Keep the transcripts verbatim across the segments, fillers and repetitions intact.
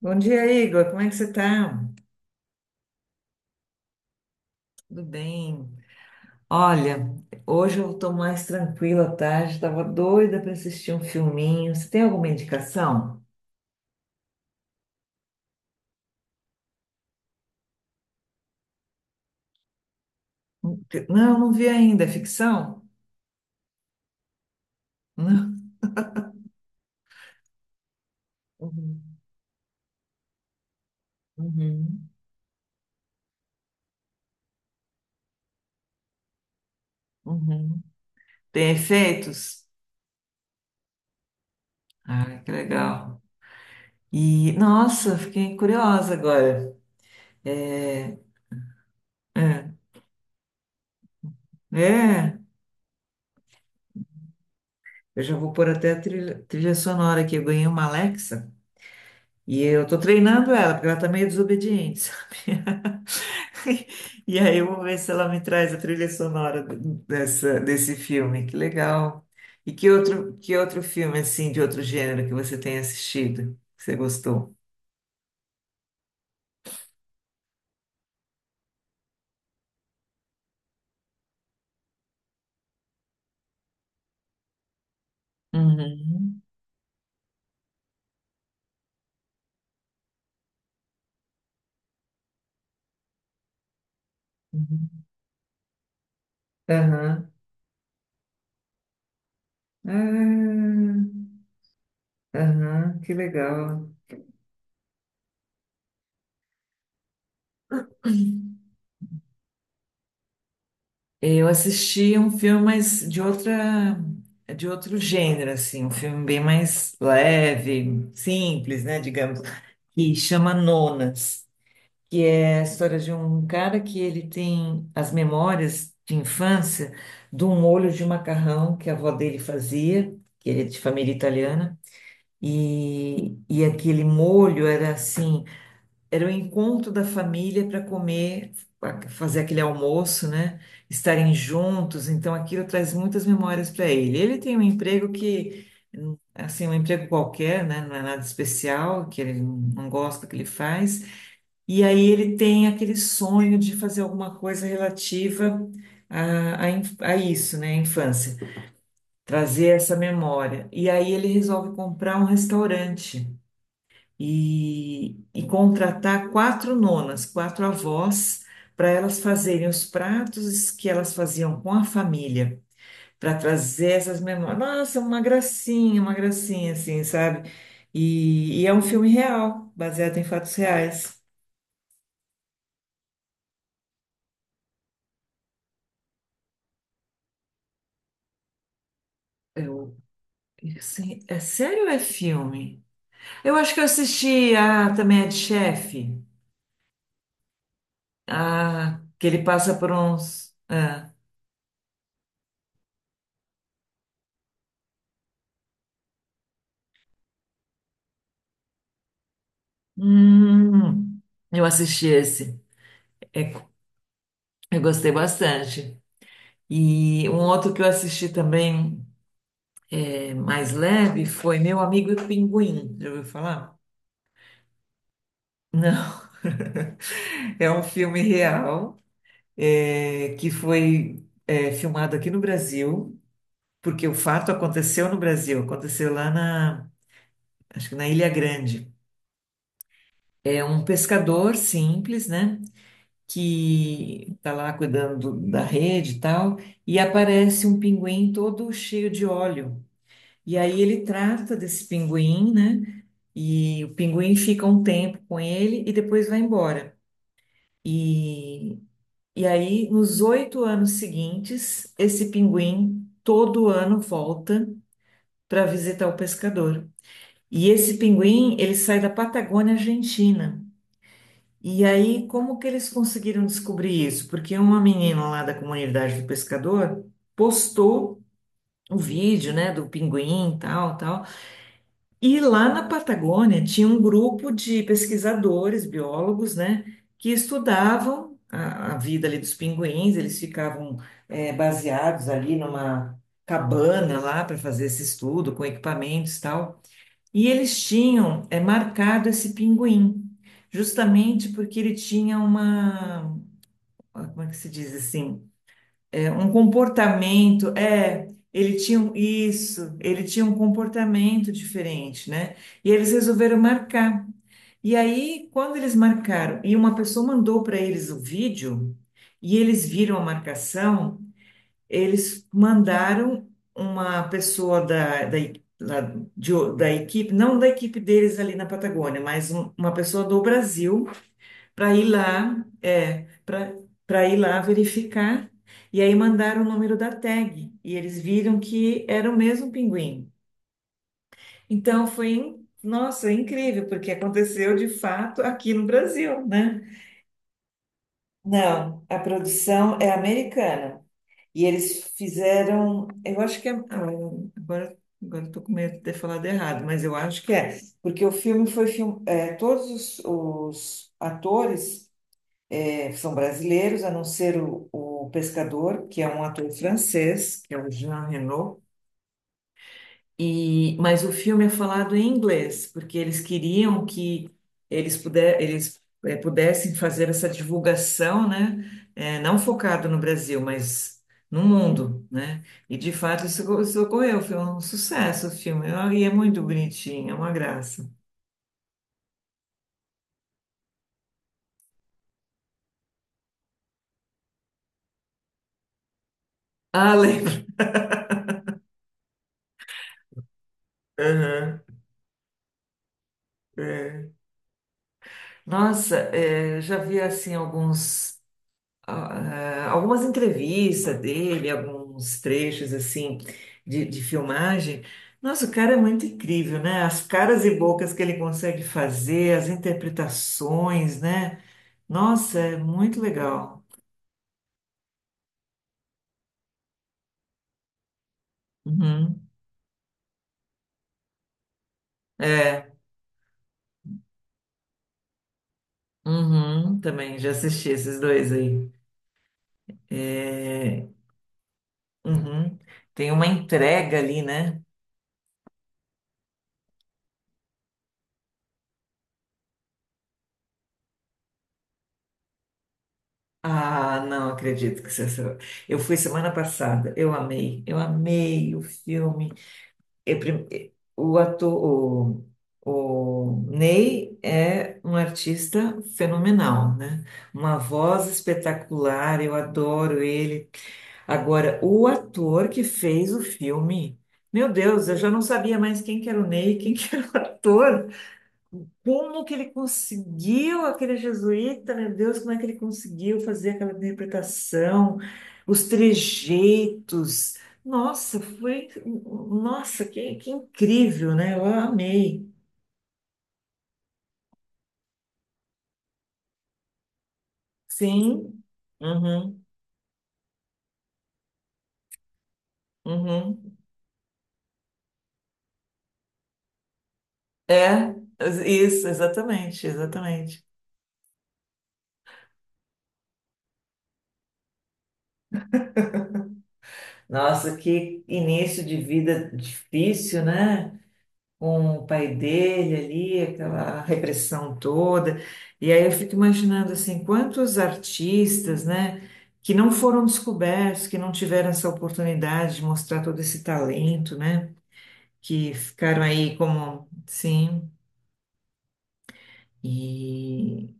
Bom dia, Igor. Como é que você tá? Tudo bem? Olha, hoje eu tô mais tranquila à tarde, tava doida para assistir um filminho. Você tem alguma indicação? Porque- Não, eu não vi ainda. É ficção? Não. Uhum, uhum, uhum. Tem efeitos? Ah, que legal. E, nossa, fiquei curiosa agora. É, é, é. Eu já vou pôr até a trilha, trilha sonora aqui. Eu ganhei uma Alexa e eu tô treinando ela, porque ela tá meio desobediente. E aí eu vou ver se ela me traz a trilha sonora dessa, desse filme. Que legal. E que outro, que outro filme, assim, de outro gênero que você tem assistido, que você gostou? Uhum. Uhum. Aham. Ah, aham, que legal. Eu assisti um filme, mas de outra, de outro gênero, assim, um filme bem mais leve, simples, né, digamos, que chama Nonas. Que é a história de um cara que ele tem as memórias de infância de um molho de macarrão que a avó dele fazia, que ele é de família italiana, e, e aquele molho era assim, era o encontro da família para comer, pra fazer aquele almoço, né? Estarem juntos, então aquilo traz muitas memórias para ele. Ele tem um emprego que Assim, um emprego qualquer, né? Não é nada especial, que ele não gosta do que ele faz, e aí ele tem aquele sonho de fazer alguma coisa relativa a, a, inf- a isso, né? A infância, trazer essa memória. E aí ele resolve comprar um restaurante e, e contratar quatro nonas, quatro avós, para elas fazerem os pratos que elas faziam com a família, para trazer essas memórias. Nossa, uma gracinha, uma gracinha, assim, sabe? E, e é um filme real, baseado em fatos reais. Sim, é sério ou é filme? Eu acho que eu assisti a também a de chefe. Ah, que ele passa por uns. Ah, hum, eu assisti esse. É, eu gostei bastante. E um outro que eu assisti também é, mais leve foi Meu Amigo Pinguim. Já ouviu falar? Não. É um filme real é, que foi é, filmado aqui no Brasil, porque o fato aconteceu no Brasil, aconteceu lá na acho que na Ilha Grande. É um pescador simples, né? Que está lá cuidando do- da rede e tal, e aparece um pinguim todo cheio de óleo. E aí ele trata desse pinguim, né? E o pinguim fica um tempo com ele e depois vai embora. E, e aí, nos oito anos seguintes, esse pinguim todo ano volta para visitar o pescador. E esse pinguim, ele sai da Patagônia Argentina. E aí, como que eles conseguiram descobrir isso? Porque uma menina lá da comunidade do pescador postou o vídeo, né, do pinguim, tal, tal. E lá na Patagônia tinha um grupo de pesquisadores, biólogos, né, que estudavam a, a vida ali dos pinguins. Eles ficavam eh, baseados ali numa cabana lá para fazer esse estudo com equipamentos, tal. E eles tinham é, marcado esse pinguim, justamente porque ele tinha uma, ah, como é que se diz assim? É, um comportamento, é, ele tinha um- isso, ele tinha um comportamento diferente, né? E eles resolveram marcar. E aí, quando eles marcaram, e uma pessoa mandou para eles o vídeo, e eles viram a marcação. Eles mandaram uma pessoa da, da, e- lá de o- da equipe, não da equipe deles ali na Patagônia, mas um- uma pessoa do Brasil para ir lá, é, para para ir lá verificar. E aí mandaram o número da tag e eles viram que era o mesmo pinguim. Então foi, in- nossa, incrível, porque aconteceu de fato aqui no Brasil, né? Não, a produção é americana. E eles fizeram, eu acho que é, ah, agora, agora estou com medo de ter falado errado, mas eu acho que é, porque o filme foi film, é, todos os, os atores é, são brasileiros, a não ser o, o pescador, que é um ator francês, que é o Jean Reno, e, mas o filme é falado em inglês, porque eles queriam que eles, puder, eles eh, pudessem fazer essa divulgação, né? Eh, não focado no Brasil, mas no mundo, né? E de fato isso, go- isso ocorreu, foi um sucesso o filme. Ah, e é muito bonitinho, é uma graça. Ah, lembro. Aham, é. Nossa, eh, já vi assim alguns. Ah, algumas entrevistas dele, alguns trechos assim de, de filmagem. Nossa, o cara é muito incrível, né? As caras e bocas que ele consegue fazer, as interpretações, né? Nossa, é muito legal. Uhum. É, uhum, também já assisti esses dois aí. É, uhum. Tem uma entrega ali, né? Ah, não acredito que você. Eu fui semana passada, eu amei, eu amei o filme. É prim- é- o ator, o, o Ney é um artista fenomenal, né? Uma voz espetacular, eu adoro ele. Agora, o ator que fez o filme, meu Deus, eu já não sabia mais quem que era o Ney, quem que era o ator. Como que ele conseguiu, aquele jesuíta, meu Deus, como é que ele conseguiu fazer aquela interpretação, os trejeitos? Nossa, foi, nossa, que, que incrível, né? Eu amei. Sim, uhum, uhum. É, isso, exatamente, exatamente. Nossa, que início de vida difícil, né? Com o pai dele ali, aquela repressão toda. E aí eu fico imaginando assim, quantos artistas, né, que não foram descobertos, que não tiveram essa oportunidade de mostrar todo esse talento, né, que ficaram aí como, sim, e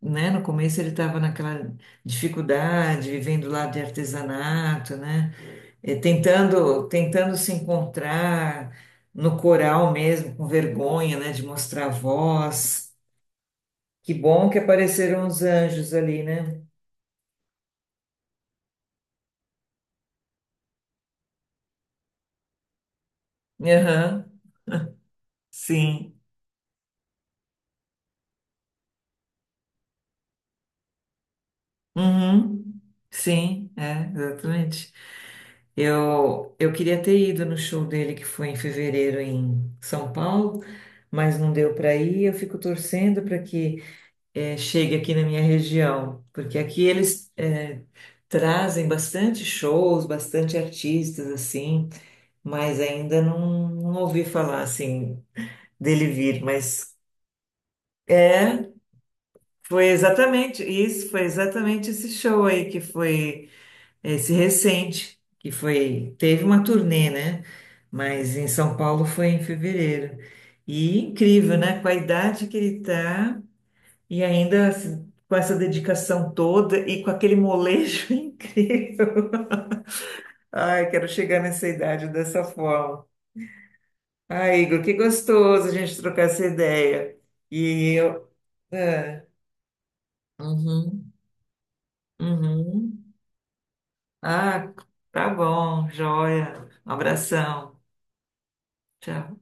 né, no começo ele estava naquela dificuldade, vivendo lá de artesanato, né? É, tentando, tentando se encontrar no coral mesmo, com vergonha, né, de mostrar a voz. Que bom que apareceram os anjos ali, né? Aham, sim. Uhum, sim, é, exatamente. Eu, eu queria ter ido no show dele, que foi em fevereiro em São Paulo, mas não deu para ir. Eu fico torcendo para que eh, chegue aqui na minha região, porque aqui eles eh, trazem bastante shows, bastante artistas assim, mas ainda não, não ouvi falar assim dele vir, mas é, foi exatamente isso, foi exatamente esse show aí que foi esse recente, que foi, teve uma turnê, né? Mas em São Paulo foi em fevereiro. E incrível, né? Com a idade que ele tá, e ainda se- com essa dedicação toda e com aquele molejo incrível. Ai, quero chegar nessa idade dessa forma. Ai, Igor, que gostoso a gente trocar essa ideia. E eu. É, uhum, uhum. Ah, tá bom, joia. Um abração. Tchau.